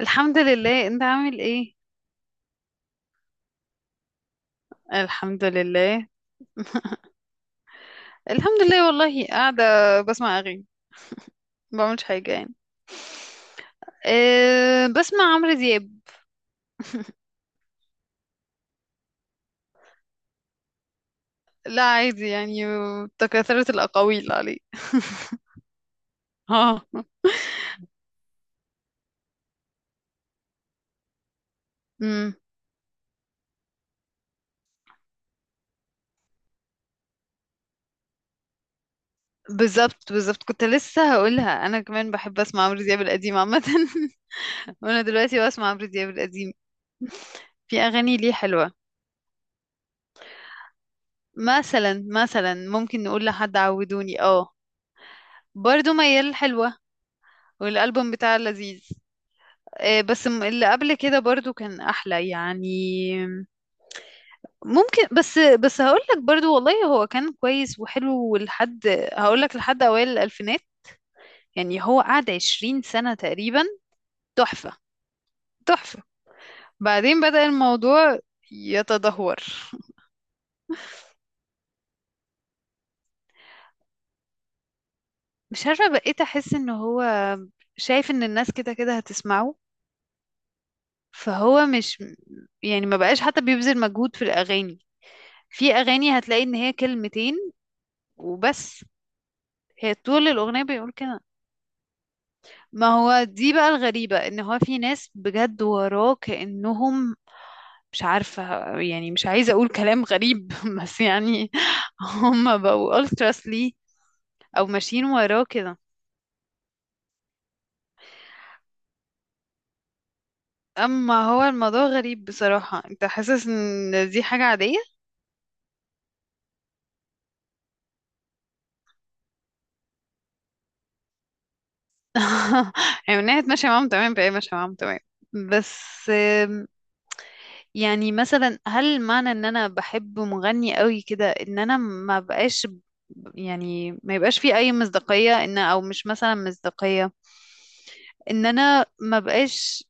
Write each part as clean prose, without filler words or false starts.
الحمد لله، انت عامل ايه؟ الحمد لله. الحمد لله، والله قاعدة بسمع اغاني. ما بعملش حاجة يعني. أه، بسمع عمرو دياب. لا، عادي يعني. تكاثرت الأقاويل عليه. اه. امم. بالظبط بالظبط، كنت لسه هقولها انا كمان بحب اسمع عمرو دياب القديم عامة. وانا دلوقتي بسمع عمرو دياب القديم. في اغاني ليه حلوة. مثلا مثلا، ممكن نقول لحد عودوني. اه. برضو ميال حلوة. والالبوم بتاع لذيذ. آه، بس اللي قبل كده برضو كان احلى يعني. ممكن بس هقول لك برضو، والله هو كان كويس وحلو لحد. هقول لك لحد اوائل الالفينات. يعني هو قعد 20 سنة تقريبا. تحفة. تحفة. بعدين بدأ الموضوع يتدهور. مش عارفة، بقيت احس ان هو شايف ان الناس كده كده هتسمعه. فهو مش، يعني ما بقاش حتى بيبذل مجهود في الاغاني. في اغاني هتلاقي ان هي كلمتين وبس. هي طول الأغنية بيقول كده. ما هو دي بقى الغريبة، ان هو في ناس بجد وراه كأنهم. مش عارفة. يعني مش عايزة اقول كلام غريب بس يعني. هم بقوا ultras ليه. او ماشيين وراه كده. اما هو الموضوع غريب بصراحة، انت حاسس ان دي حاجة عادية؟ يعني من ناحية ماشية معاهم تمام بقى ماشية معاهم تمام. بس. يعني مثلا هل معنى ان انا بحب مغني قوي كده ان انا ما بقاش يعني ما يبقاش في اي مصداقية، ان او مش مثلا مصداقية ان انا ما بقاش.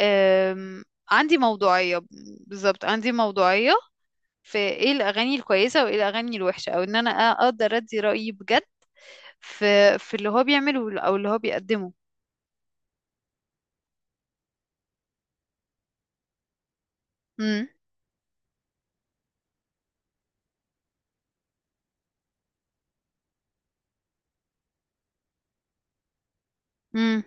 آم، عندي موضوعية. بالظبط عندي موضوعية. في ايه الاغاني الكويسة وايه الاغاني الوحشة، او ان انا اقدر ادي رأيي بجد في في اللي هو بيعمله او اللي هو بيقدمه. امم. امم.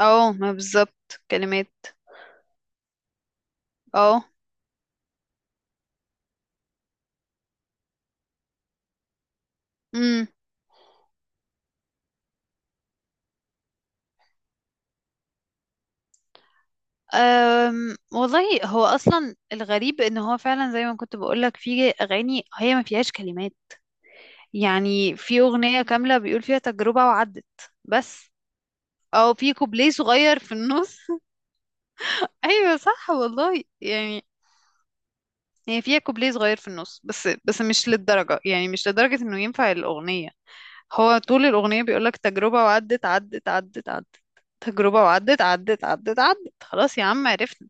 اه، ما بالظبط كلمات. اه. والله هو اصلا الغريب ان هو فعلا زي ما كنت بقولك، في اغاني هي ما فيهاش كلمات. يعني في اغنية كاملة بيقول فيها تجربة وعدت. بس. او في كوبليه صغير في النص. ايوه، صح والله يعني. هي فيها كوبليه صغير في النص، بس مش للدرجة، يعني مش لدرجة انه ينفع الاغنية. هو طول الاغنية بيقولك تجربة وعدت عدت عدت عدت. تجربة وعدت عدت عدت عدت، خلاص يا عم عرفنا.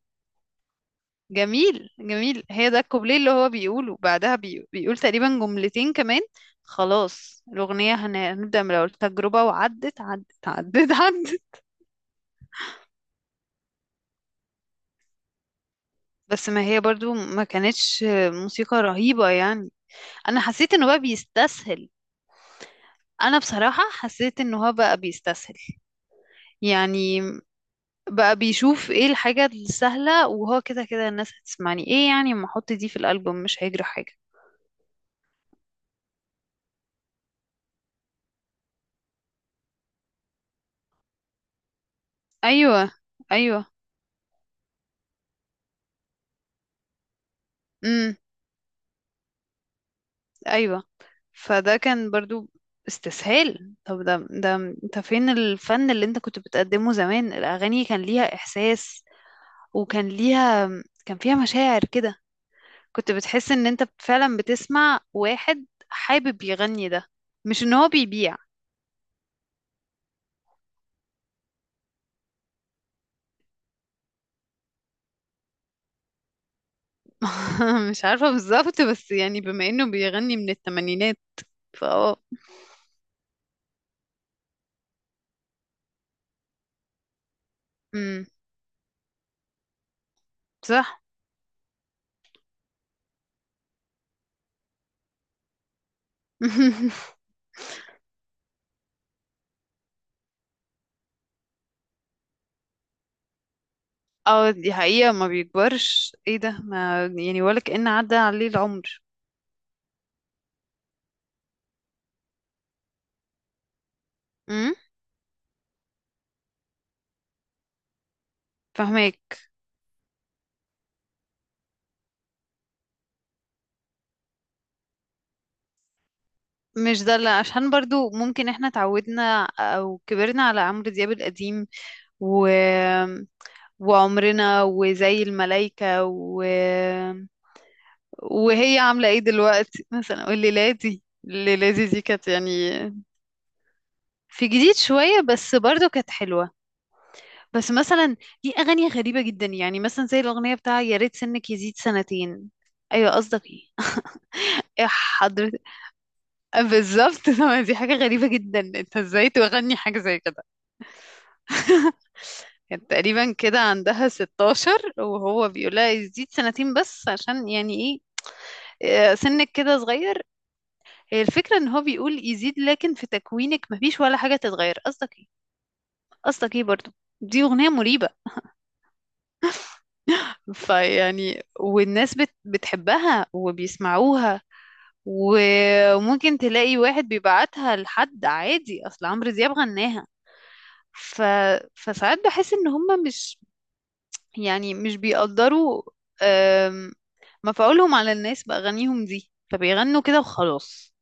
جميل جميل، هي ده الكوبليه اللي هو بيقوله بعدها بيقول تقريبا جملتين كمان. خلاص الأغنية هنبدأ من الأول، تجربة وعدت عدت عدت عدت. بس ما هي برضو ما كانتش موسيقى رهيبة يعني. أنا حسيت إنه بقى بيستسهل. أنا بصراحة حسيت إنه هو بقى بيستسهل. يعني بقى بيشوف إيه الحاجة السهلة، وهو كده كده الناس هتسمعني إيه، يعني ما أحط دي في الألبوم مش هيجري حاجة. أيوة. أيوة. امم. أيوة. فده كان برضو استسهال. طب ده، انت فين الفن اللي انت كنت بتقدمه زمان؟ الأغاني كان ليها إحساس، وكان ليها، كان فيها مشاعر كده. كنت بتحس ان انت فعلا بتسمع واحد حابب يغني ده، مش ان هو بيبيع. مش عارفة بالظبط، بس يعني بما انه بيغني من الثمانينات. فاه. امم. صح. اه، دي حقيقة، ما بيكبرش، ايه ده، ما يعني ولا كأن عدى عليه العمر. امم. فاهمك. مش ده اللي، عشان برضو ممكن احنا اتعودنا او كبرنا على عمرو دياب القديم و... وعمرنا وزي الملايكة وهي عاملة ايه دلوقتي مثلا، والليلادي الليلادي دي كانت يعني. في جديد شوية بس برضو كانت حلوة. بس مثلا، دي أغاني غريبة جدا، يعني مثلا زي الأغنية بتاع يا ريت سنك يزيد سنتين. أيوة قصدك ايه؟ إيه حضرتك؟ بالظبط. دي حاجة غريبة جدا، انت ازاي تغني حاجة زي كده؟ كانت تقريبا كده عندها 16، وهو بيقول لها يزيد سنتين، بس عشان يعني ايه؟ آه، سنك كده صغير. هي الفكرة ان هو بيقول يزيد، لكن في تكوينك مفيش ولا حاجة تتغير، قصدك ايه؟ قصدك ايه برضو؟ دي أغنية مريبة. فيعني والناس بتحبها وبيسمعوها. وممكن تلاقي واحد بيبعتها لحد، عادي اصل عمرو دياب غناها. ف... فساعات بحس ان هم مش، يعني مش بيقدروا. آم، مفعولهم على الناس بأغانيهم دي، فبيغنوا كده وخلاص.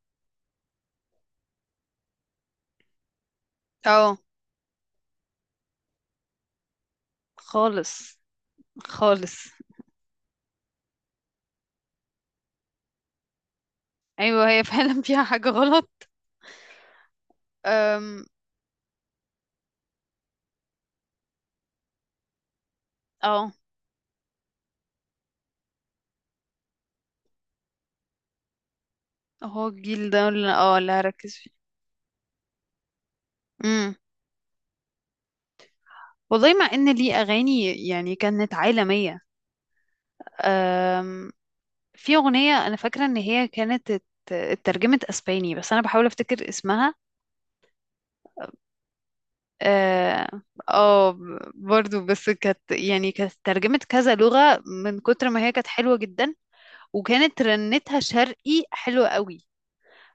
اه. خالص. خالص. ايوه، هي فعلا فيها حاجة غلط. أم. اه، هو الجيل ده اللي اللي هركز فيه. امم. والله مع ان ليه اغاني يعني كانت عالمية. أم. في اغنية انا فاكرة ان هي كانت اترجمت اسباني، بس انا بحاول افتكر اسمها. اه. آه. برضو بس كانت يعني كانت ترجمة كذا لغة، من كتر ما هي كانت حلوة جدا. وكانت رنتها شرقي حلوة قوي.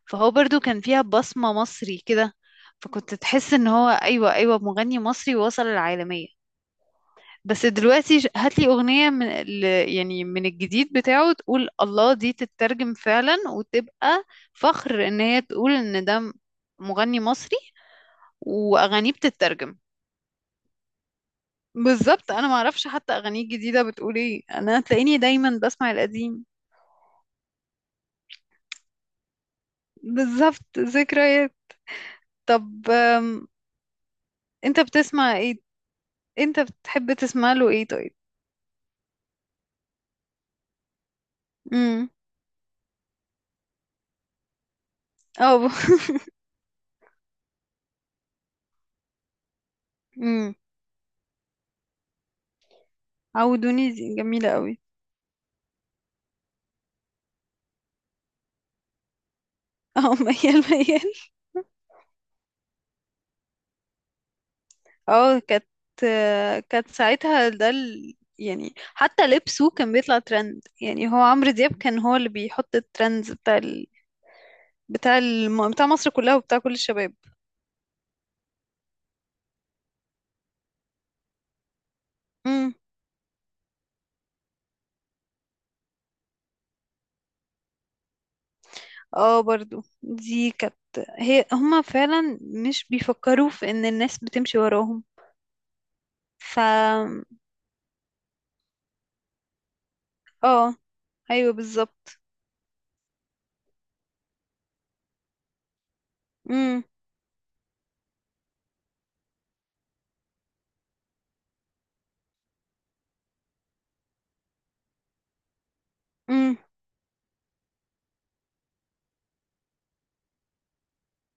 فهو برضو كان فيها بصمة مصري كده. فكنت تحس ان هو، ايوه ايوه، مغني مصري وصل العالمية. بس دلوقتي هاتلي اغنية يعني من الجديد بتاعه، تقول الله دي تترجم فعلا، وتبقى فخر ان هي تقول ان ده مغني مصري، واغانيه بتترجم. بالظبط، انا ما اعرفش حتى اغانيه الجديده بتقول ايه، انا تلاقيني دايما بسمع القديم. بالظبط، ذكريات. طب انت بتسمع ايه؟ انت بتحب تسمع له ايه طيب؟ امم. اه، امم. عودوني دي جميله قوي. اه. ميال ميال. اه كانت، آه، كانت ساعتها ده يعني حتى لبسه كان بيطلع ترند، يعني هو عمرو دياب كان هو اللي بيحط الترندز بتاع مصر كلها وبتاع كل الشباب. اه، برضو دي كانت، هما فعلا مش بيفكروا في ان الناس بتمشي وراهم. ف اه، ايوه بالظبط. امم. امم.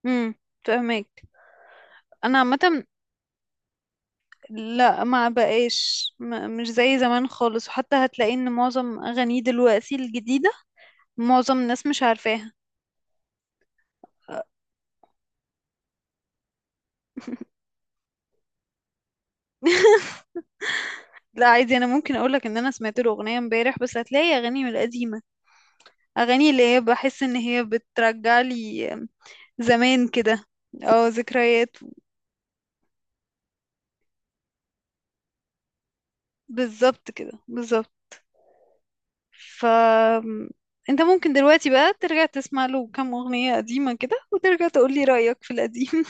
امم. فاهمك. انا عامه، لا ما بقاش، ما مش زي زمان خالص، وحتى هتلاقي ان معظم اغانيه دلوقتي الجديده، معظم الناس مش عارفاها. لا، عادي انا ممكن اقولك ان انا سمعت له اغنيه امبارح، بس هتلاقي اغاني من القديمه، اغاني اللي هي بحس ان هي بترجع لي زمان كده. اه، ذكريات. بالظبط كده بالظبط. ف انت ممكن دلوقتي بقى ترجع تسمع له كام اغنية قديمة كده، وترجع تقولي رأيك في القديم.